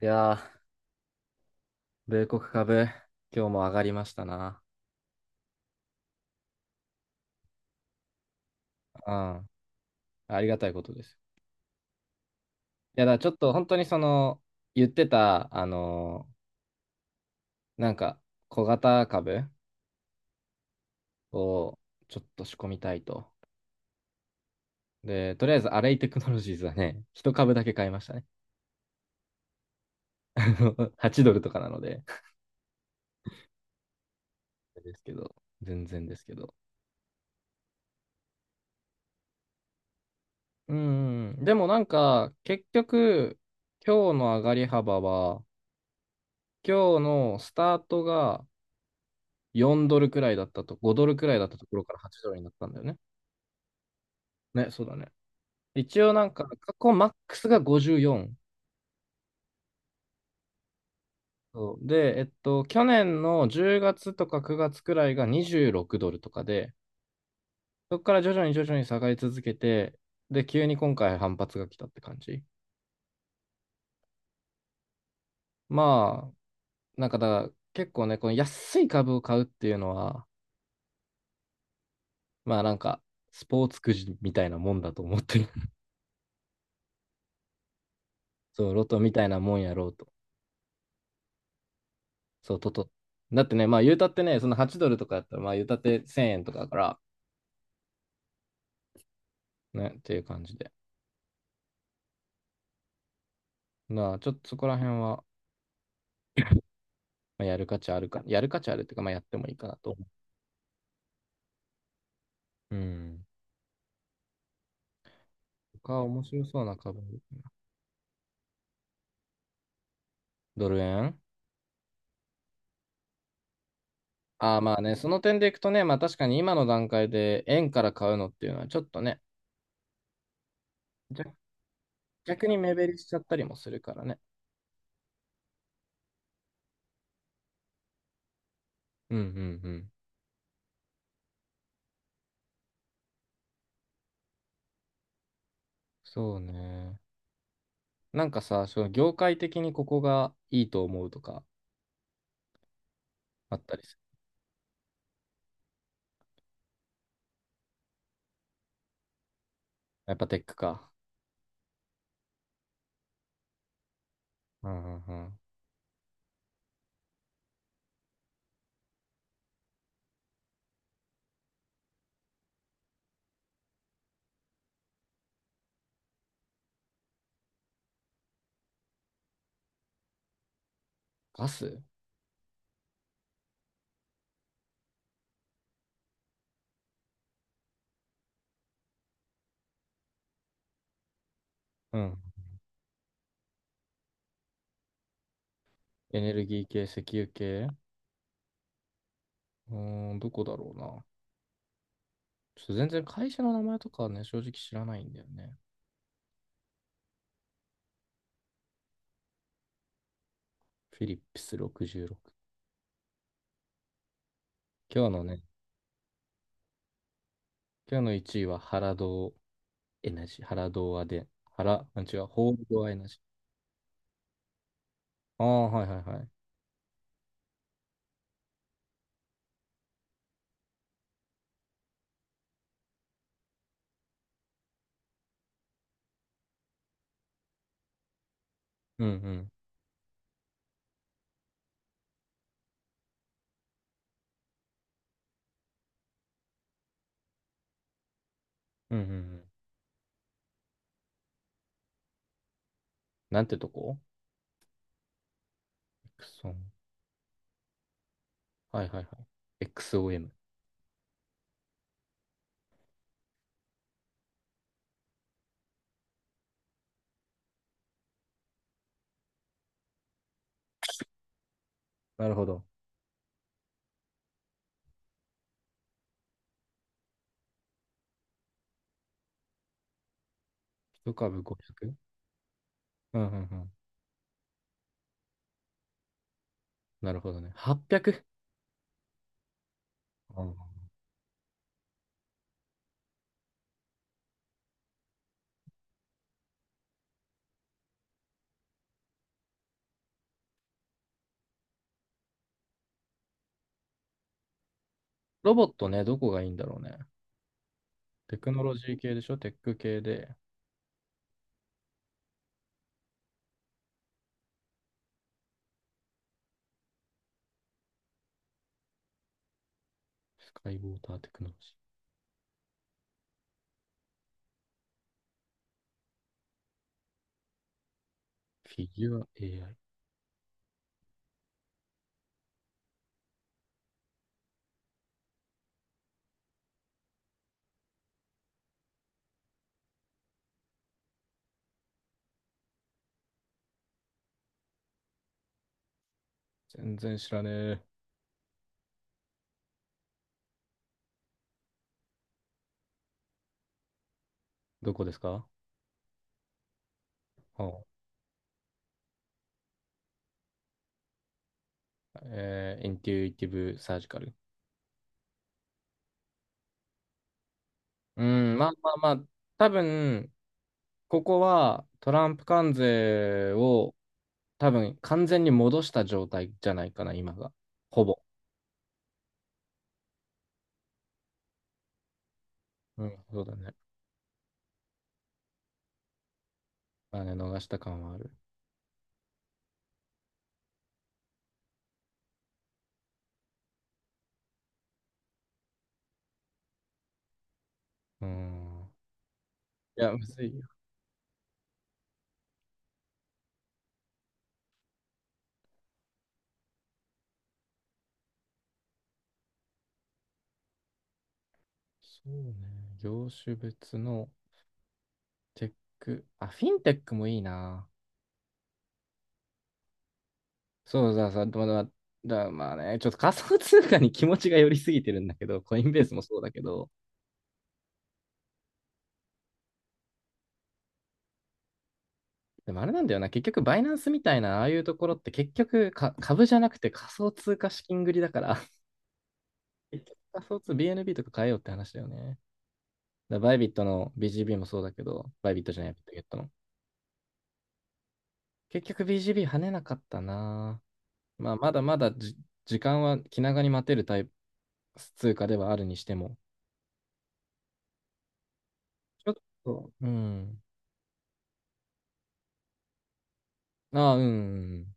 いやー、米国株、今日も上がりましたな。うん。ありがたいことです。いや、だからちょっと本当に言ってた、ーなんか、小型株をちょっと仕込みたいと。で、とりあえず、アレイテクノロジーズはね、一株だけ買いましたね。8ドルとかなので。ですけど、全然ですけど。うん。でも結局、今日の上がり幅は、今日のスタートが4ドルくらいだったと、5ドルくらいだったところから8ドルになったんだよね。ね、そうだね。一応過去マックスが54。そうで、去年の10月とか9月くらいが26ドルとかで、そこから徐々に下がり続けて、で、急に今回反発が来たって感じ。まあ、なんかだから、結構ね、この安い株を買うっていうのは、まあなんか、スポーツくじみたいなもんだと思ってる。そう、ロトみたいなもんやろうと。そう、とと。だってね、まあ言うたってね、その8ドルとかやったら、まあ言うたって1000円とかだから、ね、っていう感じで。まあちょっとそこら辺は、まあ、やる価値あるか、やる価値あるっていうか、まあやってもいいかなと。うん。他面白そうな株。ドル円。ああー、まあね、その点でいくとね、まあ確かに今の段階で円から買うのっていうのはちょっとね、逆逆に目減りしちゃったりもするからね。うんうんうん。そうね。なんかさ、その業界的にここがいいと思うとかあったりする。やっぱテックか。うんうんうん。ガス。うん。エネルギー系、石油系。うーん、どこだろうな。ちょっと全然会社の名前とかはね、正直知らないんだよね。フィリップス66。今日のね、今日の1位は原堂エナジー、原堂アで、原、あ違う、ホールドアエナジー。ああ、はいはいはい。うんうん。うんうんうん。なんてとこ。エクソン。はいはいはい。XOM。なるほど。一株 500？ うんうんうん。なるほどね。800？ うん。ロボットね、どこがいいんだろうね。テクノロジー系でしょ、テック系で。スカイウォーターテクノロジー。フィギュア AI。全然知らねえ。どこですか。あえー、インテュイティブサージカル。うん、まあまあまあ、多分、ここはトランプ関税を多分完全に戻した状態じゃないかな、今が。ほぼ。うん、そうだね。まあね、逃した感はある。うん。いや、むずいよ。そうね。業種別のテック。あ、フィンテックもいいな。そうだ、さ、まだ、だ、まあね、ちょっと仮想通貨に気持ちが寄りすぎてるんだけど、コインベースもそうだけど、でもあれなんだよな、結局バイナンスみたいな、ああいうところって結局か株じゃなくて仮想通貨資金繰りだから、結局仮想通、BNB とか変えようって話だよね。だバイビットの BGB もそうだけど、バイビットじゃない、ビットゲットの。結局 BGB 跳ねなかったな。まあ、まだまだじ時間は気長に待てるタイプ、通貨ではあるにしても、ちょっと、うん。ああ、うん。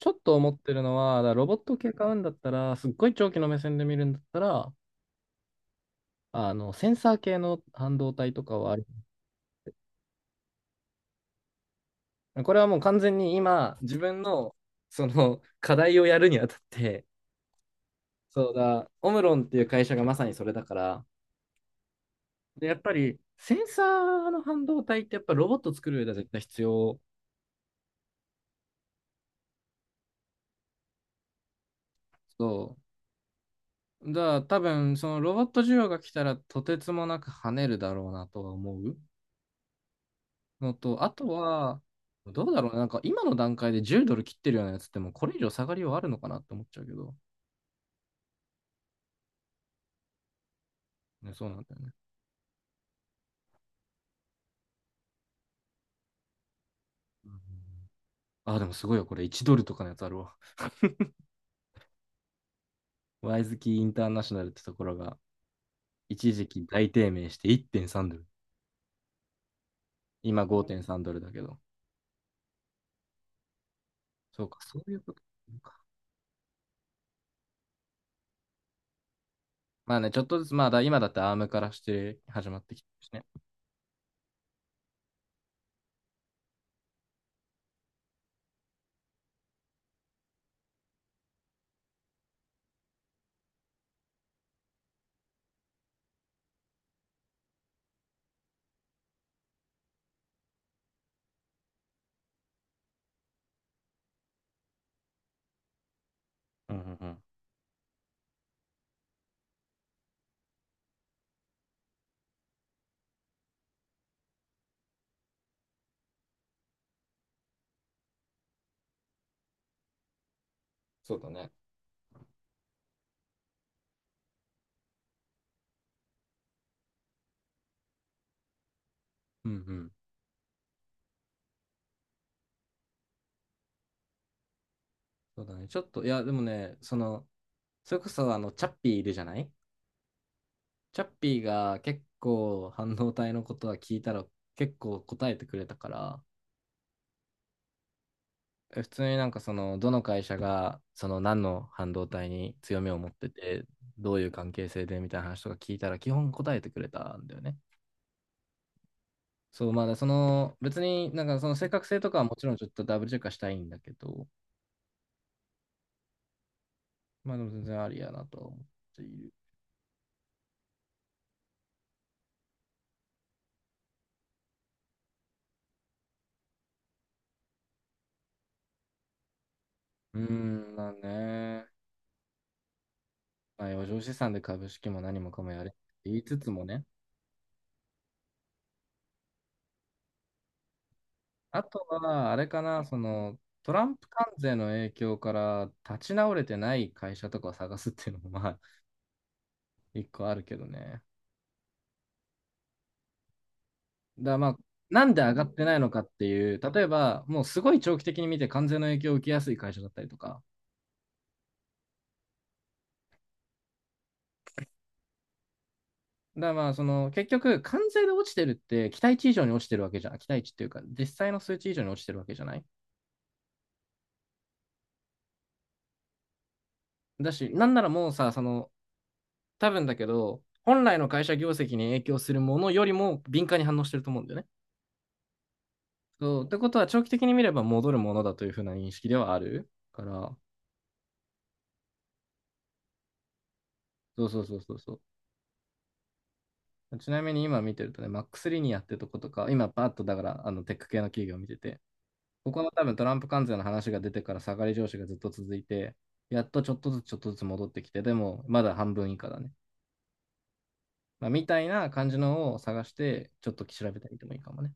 ちょっと思ってるのは、だからロボット系買うんだったら、すっごい長期の目線で見るんだったら、あの、センサー系の半導体とかはある。これはもう完全に今、自分の、課題をやるにあたって、そうだ、オムロンっていう会社がまさにそれだから、で、やっぱり、センサーの半導体ってやっぱロボット作る上では絶対必要。そう。だから多分、そのロボット需要が来たら、とてつもなく跳ねるだろうなとは思う。のと、あとは、どうだろうな、なんか今の段階で10ドル切ってるようなやつってもうこれ以上下がりはあるのかなって思っちゃうけど、ね、そうなんだよね。うん。あ、でもすごいよ、これ1ドルとかのやつあるわ。ワイズキーインターナショナルってところが一時期大低迷して1.3ドル。今5.3ドルだけど。そうか、そういうことか。まあね、ちょっとずつ、まあ今だってアームからして始まってきてるしね。うんうんうん。そうだね。うんうん。そうだね。ちょっと、いや、でもね、それこそあの、チャッピーいるじゃない。チャッピーが結構半導体のことは聞いたら結構答えてくれたから、普通になんかそのどの会社がその何の半導体に強みを持ってて、どういう関係性でみたいな話とか聞いたら基本答えてくれたんだよね。そう、まあその別になんかその正確性とかはもちろんちょっとダブルチェックはしたいんだけど、まあでも全然ありやなとは思っている。うーん、まあね、まあ余剰資産で株式も何もかもやれって言いつつもね、あとは、あれかな、その、トランプ関税の影響から立ち直れてない会社とかを探すっていうのも、まあ、一個あるけどね。だまあ、なんで上がってないのかっていう、例えば、もうすごい長期的に見て関税の影響を受けやすい会社だったりとか。だまあ、その、結局、関税で落ちてるって、期待値以上に落ちてるわけじゃん。期待値っていうか、実際の数値以上に落ちてるわけじゃない。だし、なんならもうさ、多分だけど、本来の会社業績に影響するものよりも敏感に反応してると思うんだよね。そうってことは長期的に見れば戻るものだというふうな認識ではあるから、そうそうそうそうそう。ちなみに今見てるとね、マックス・リニアってとことか、今パッとだからあのテック系の企業を見てて、ここの多分トランプ関税の話が出てから下がり上昇がずっと続いて、やっとちょっとずつ戻ってきて、でもまだ半分以下だね。まあ、みたいな感じのを探して、ちょっと調べたりでもいいかもね。